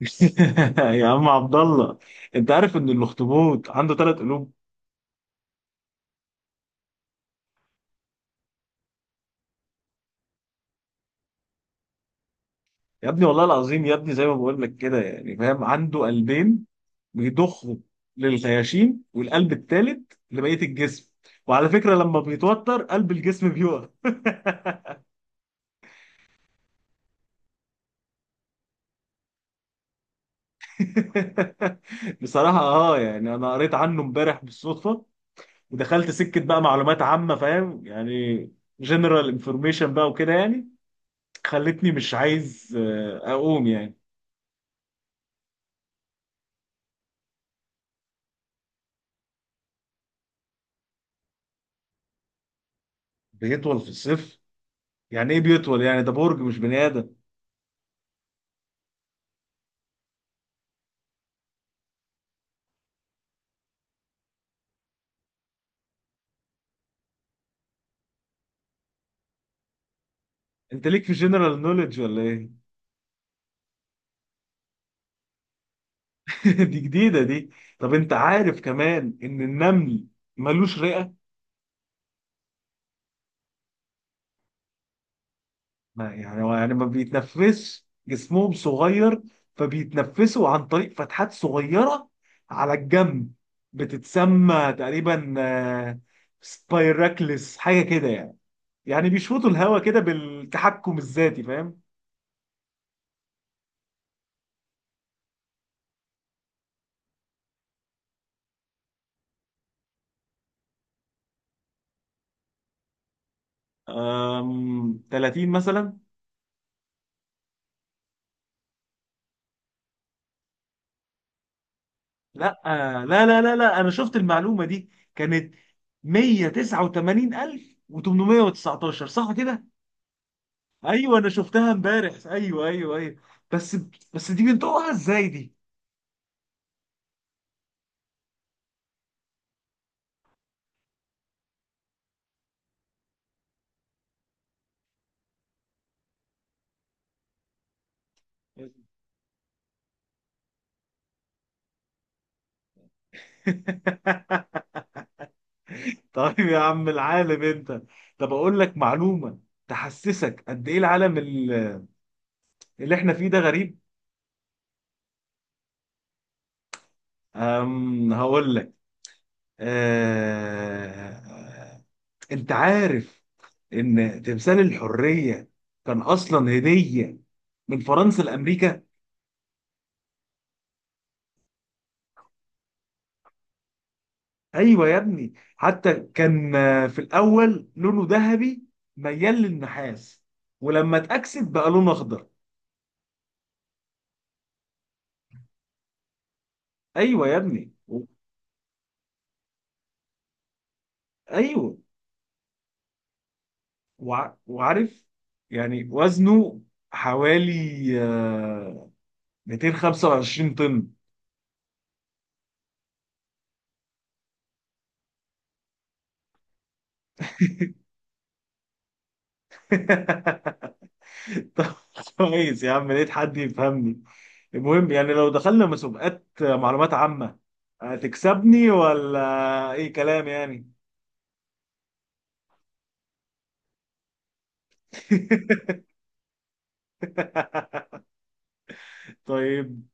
يا عم عبد الله، انت عارف ان الاخطبوط عنده ثلاث قلوب؟ يا ابني والله العظيم يا ابني، زي ما بقول لك كده يعني، فاهم؟ عنده قلبين بيضخوا للخياشيم، والقلب الثالث لبقيه الجسم. وعلى فكره لما بيتوتر قلب الجسم بيقف. بصراحه اه، يعني انا قريت عنه امبارح بالصدفه، ودخلت سكه بقى معلومات عامه، فاهم يعني، جنرال انفورميشن بقى وكده يعني. خلتني مش عايز اقوم يعني. بيطول في الصيف؟ يعني ايه بيطول؟ يعني ده برج مش بني ادم. انت ليك في جنرال نوليدج ولا ايه؟ دي جديده دي. طب انت عارف كمان ان النمل ملوش رئه. ما يعني هو يعني ما بيتنفسش، جسمهم صغير فبيتنفسوا عن طريق فتحات صغيره على الجنب، بتتسمى تقريبا سبايراكلس حاجه كده يعني. يعني بيشفطوا الهواء كده بالتحكم الذاتي، فاهم؟ 30 مثلا؟ لا، لا لا لا لا، انا شفت المعلومه دي، كانت 189819، صح كده؟ ايوه، انا شفتها امبارح، ايوه ايوه ايوه. بس بس دي بنطقها ازاي دي؟ طيب يا عم العالم انت. طب اقول لك معلومه تحسسك قد ايه العالم اللي احنا فيه ده غريب. هقول لك. أه... انت عارف ان تمثال الحريه كان اصلا هديه من فرنسا لامريكا. ايوه يا ابني، حتى كان في الاول لونه ذهبي ميال للنحاس، ولما اتاكسد بقى لونه اخضر. ايوه يا ابني ايوه وعارف يعني وزنه حوالي آه، 225 طن. طب كويس يا عم، لقيت حد يفهمني. المهم يعني لو دخلنا مسابقات معلومات عامة هتكسبني ولا ايه كلام يعني؟ طيب،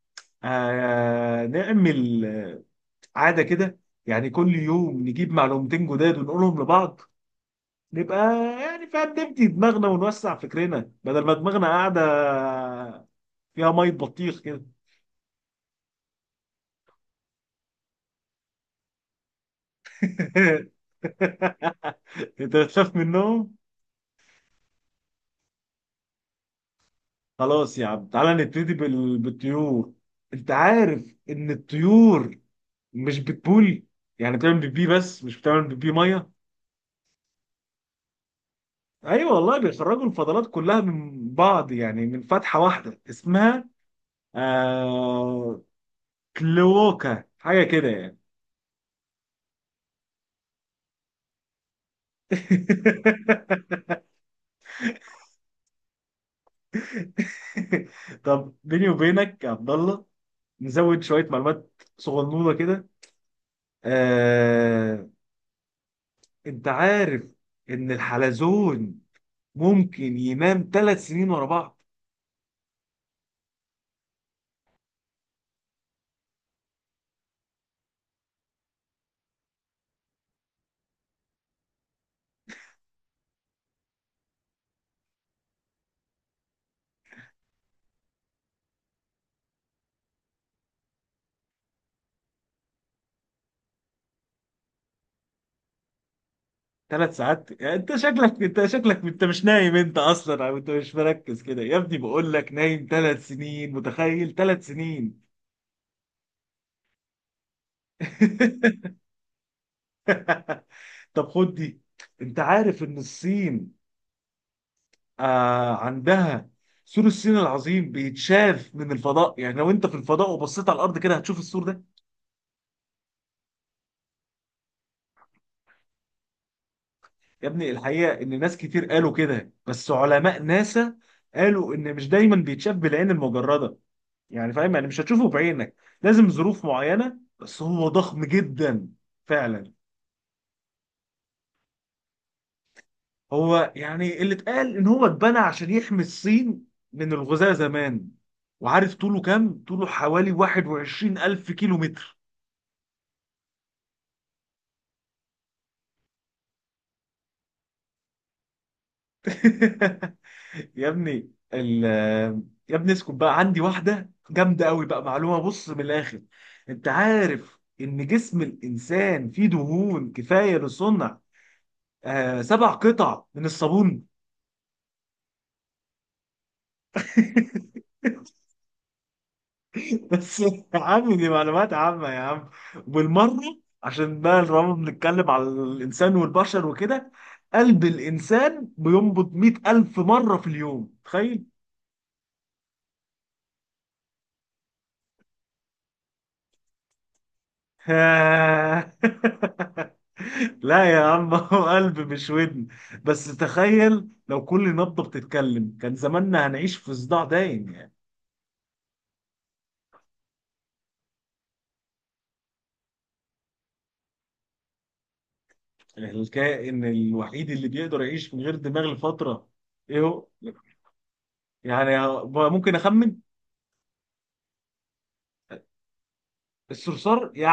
نعمل عادة كده، يعني كل يوم نجيب معلومتين جداد ونقولهم لبعض. نبقى يعني فاهم، نبدي دماغنا ونوسع فكرنا بدل ما دماغنا قاعدة فيها مية بطيخ كده. انت بتخاف منهم؟ خلاص يا عم تعالى نبتدي بالطيور. انت عارف ان الطيور مش بتبول؟ يعني بتعمل بيبي بس مش بتعمل بيبي ميه. ايوه والله، بيخرجوا الفضلات كلها من بعض يعني، من فتحه واحده اسمها آه... كلوكا حاجه كده يعني. طب بيني وبينك يا عبد الله، نزود شويه معلومات صغنونه كده. آه... انت عارف ان الحلزون ممكن ينام 3 سنين ورا بعض؟ 3 ساعات يعني؟ انت شكلك انت مش نايم انت اصلا، او انت مش مركز، كده يا ابني بقول لك نايم ثلاث سنين، متخيل ثلاث سنين؟ طب خد دي. انت عارف ان الصين عندها سور الصين العظيم بيتشاف من الفضاء؟ يعني لو انت في الفضاء وبصيت على الارض كده هتشوف السور ده. يا ابني الحقيقه ان ناس كتير قالوا كده، بس علماء ناسا قالوا ان مش دايما بيتشاف بالعين المجرده. يعني فاهم، يعني مش هتشوفه بعينك، لازم ظروف معينة، بس هو ضخم جدا فعلا. هو يعني اللي اتقال ان هو اتبنى عشان يحمي الصين من الغزاة زمان. وعارف طوله كام؟ طوله حوالي 21 ألف كيلو متر. يا ابني ال يا ابني اسكت بقى، عندي واحدة جامدة قوي بقى، معلومة، بص من الآخر. انت عارف ان جسم الإنسان فيه دهون كفاية لصنع سبع قطع من الصابون؟ بس يا عم دي معلومات عامة يا عم، بالمرة. عشان بقى طالما بنتكلم على الإنسان والبشر وكده، قلب الإنسان بينبض 100,000 مرة في اليوم، تخيل. آه. لا يا عم، هو قلب مش ودن. بس تخيل لو كل نبضة بتتكلم كان زماننا هنعيش في صداع دايم يعني. الكائن الوحيد اللي بيقدر يعيش من غير دماغ لفترة؟ ايه هو يعني؟ ممكن أخمن. الصرصار، يا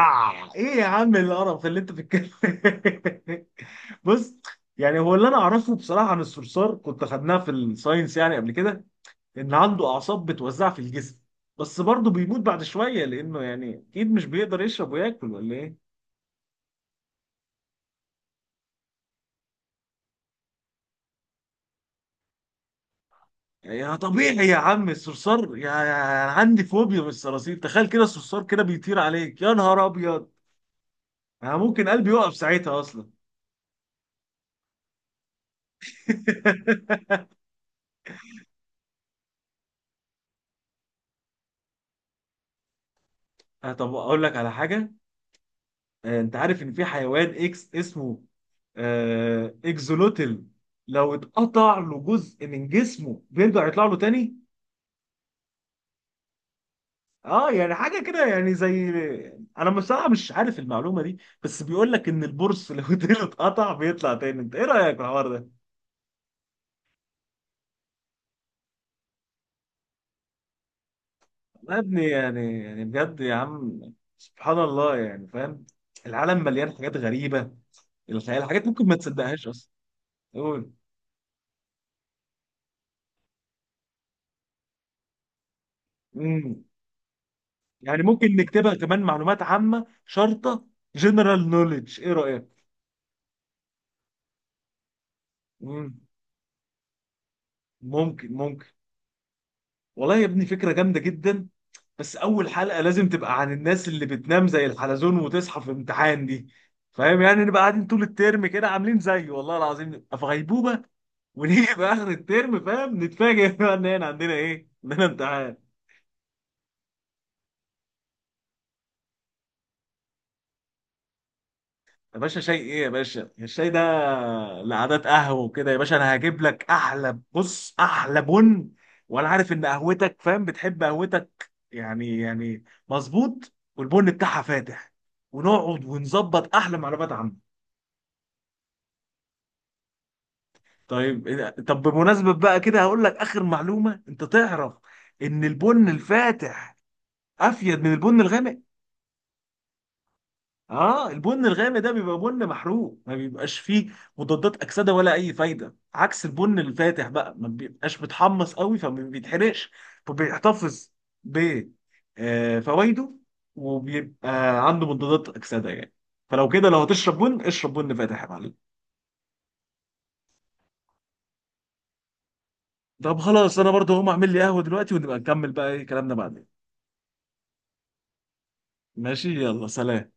ايه يا عم القرف اللي انت بتتكلم؟ بص، يعني هو اللي انا اعرفه بصراحه عن الصرصار، كنت خدناها في الساينس يعني قبل كده، ان عنده اعصاب بتوزعها في الجسم، بس برضه بيموت بعد شويه لانه يعني اكيد مش بيقدر يشرب وياكل، ولا ايه. يا طبيعي يا عم الصرصار، انا عندي فوبيا من الصراصير. تخيل كده الصرصار كده بيطير عليك، يا نهار ابيض، انا ممكن قلبي يقف ساعتها اصلا. طب اقول لك على حاجه. انت عارف ان في حيوان اكس اسمه اكزولوتل، لو اتقطع له جزء من جسمه بيرجع يطلع له تاني. اه يعني حاجه كده يعني زي، انا بصراحه مش عارف المعلومه دي بس بيقول لك ان البورس لو ديله اتقطع بيطلع تاني. انت ايه رايك في الحوار ده؟ والله يا ابني يعني بجد يا عم، سبحان الله يعني فاهم، العالم مليان حاجات غريبه، الخيال، حاجات ممكن ما تصدقهاش اصلا. قول. امم يعني ممكن نكتبها كمان معلومات عامه شرطه، جنرال نوليدج، ايه رايك؟ مم. ممكن، ممكن. والله يا ابني فكرة جامدة جدا. بس أول حلقة لازم تبقى عن الناس اللي بتنام زي الحلزون وتصحى في امتحان دي. فاهم يعني، نبقى قاعدين طول الترم كده عاملين زيه، والله العظيم نبقى في غيبوبة، ونيجي في آخر الترم فاهم، نتفاجئ بقى إن إحنا عندنا إيه؟ عندنا امتحان. يا باشا شاي ايه يا باشا الشاي ده؟ لعادات قهوه وكده يا باشا، انا هجيب لك احلى، بص، احلى بن. وانا عارف ان قهوتك، فاهم، بتحب قهوتك يعني مظبوط، والبن بتاعها فاتح، ونقعد ونظبط احلى معلومات عنه. طب بمناسبه بقى كده هقول لك اخر معلومه، انت تعرف ان البن الفاتح افيد من البن الغامق؟ اه، البن الغامق ده بيبقى بن محروق، ما بيبقاش فيه مضادات اكسده ولا اي فايده، عكس البن الفاتح بقى ما بيبقاش متحمص قوي فما بيتحرقش، فبيحتفظ ب فوائده، وبيبقى عنده مضادات اكسده يعني. فلو كده لو هتشرب بن اشرب بن فاتح يا معلم. طب خلاص انا برضه هقوم اعمل لي قهوه دلوقتي، ونبقى نكمل بقى ايه كلامنا بعدين. ماشي، يلا سلام.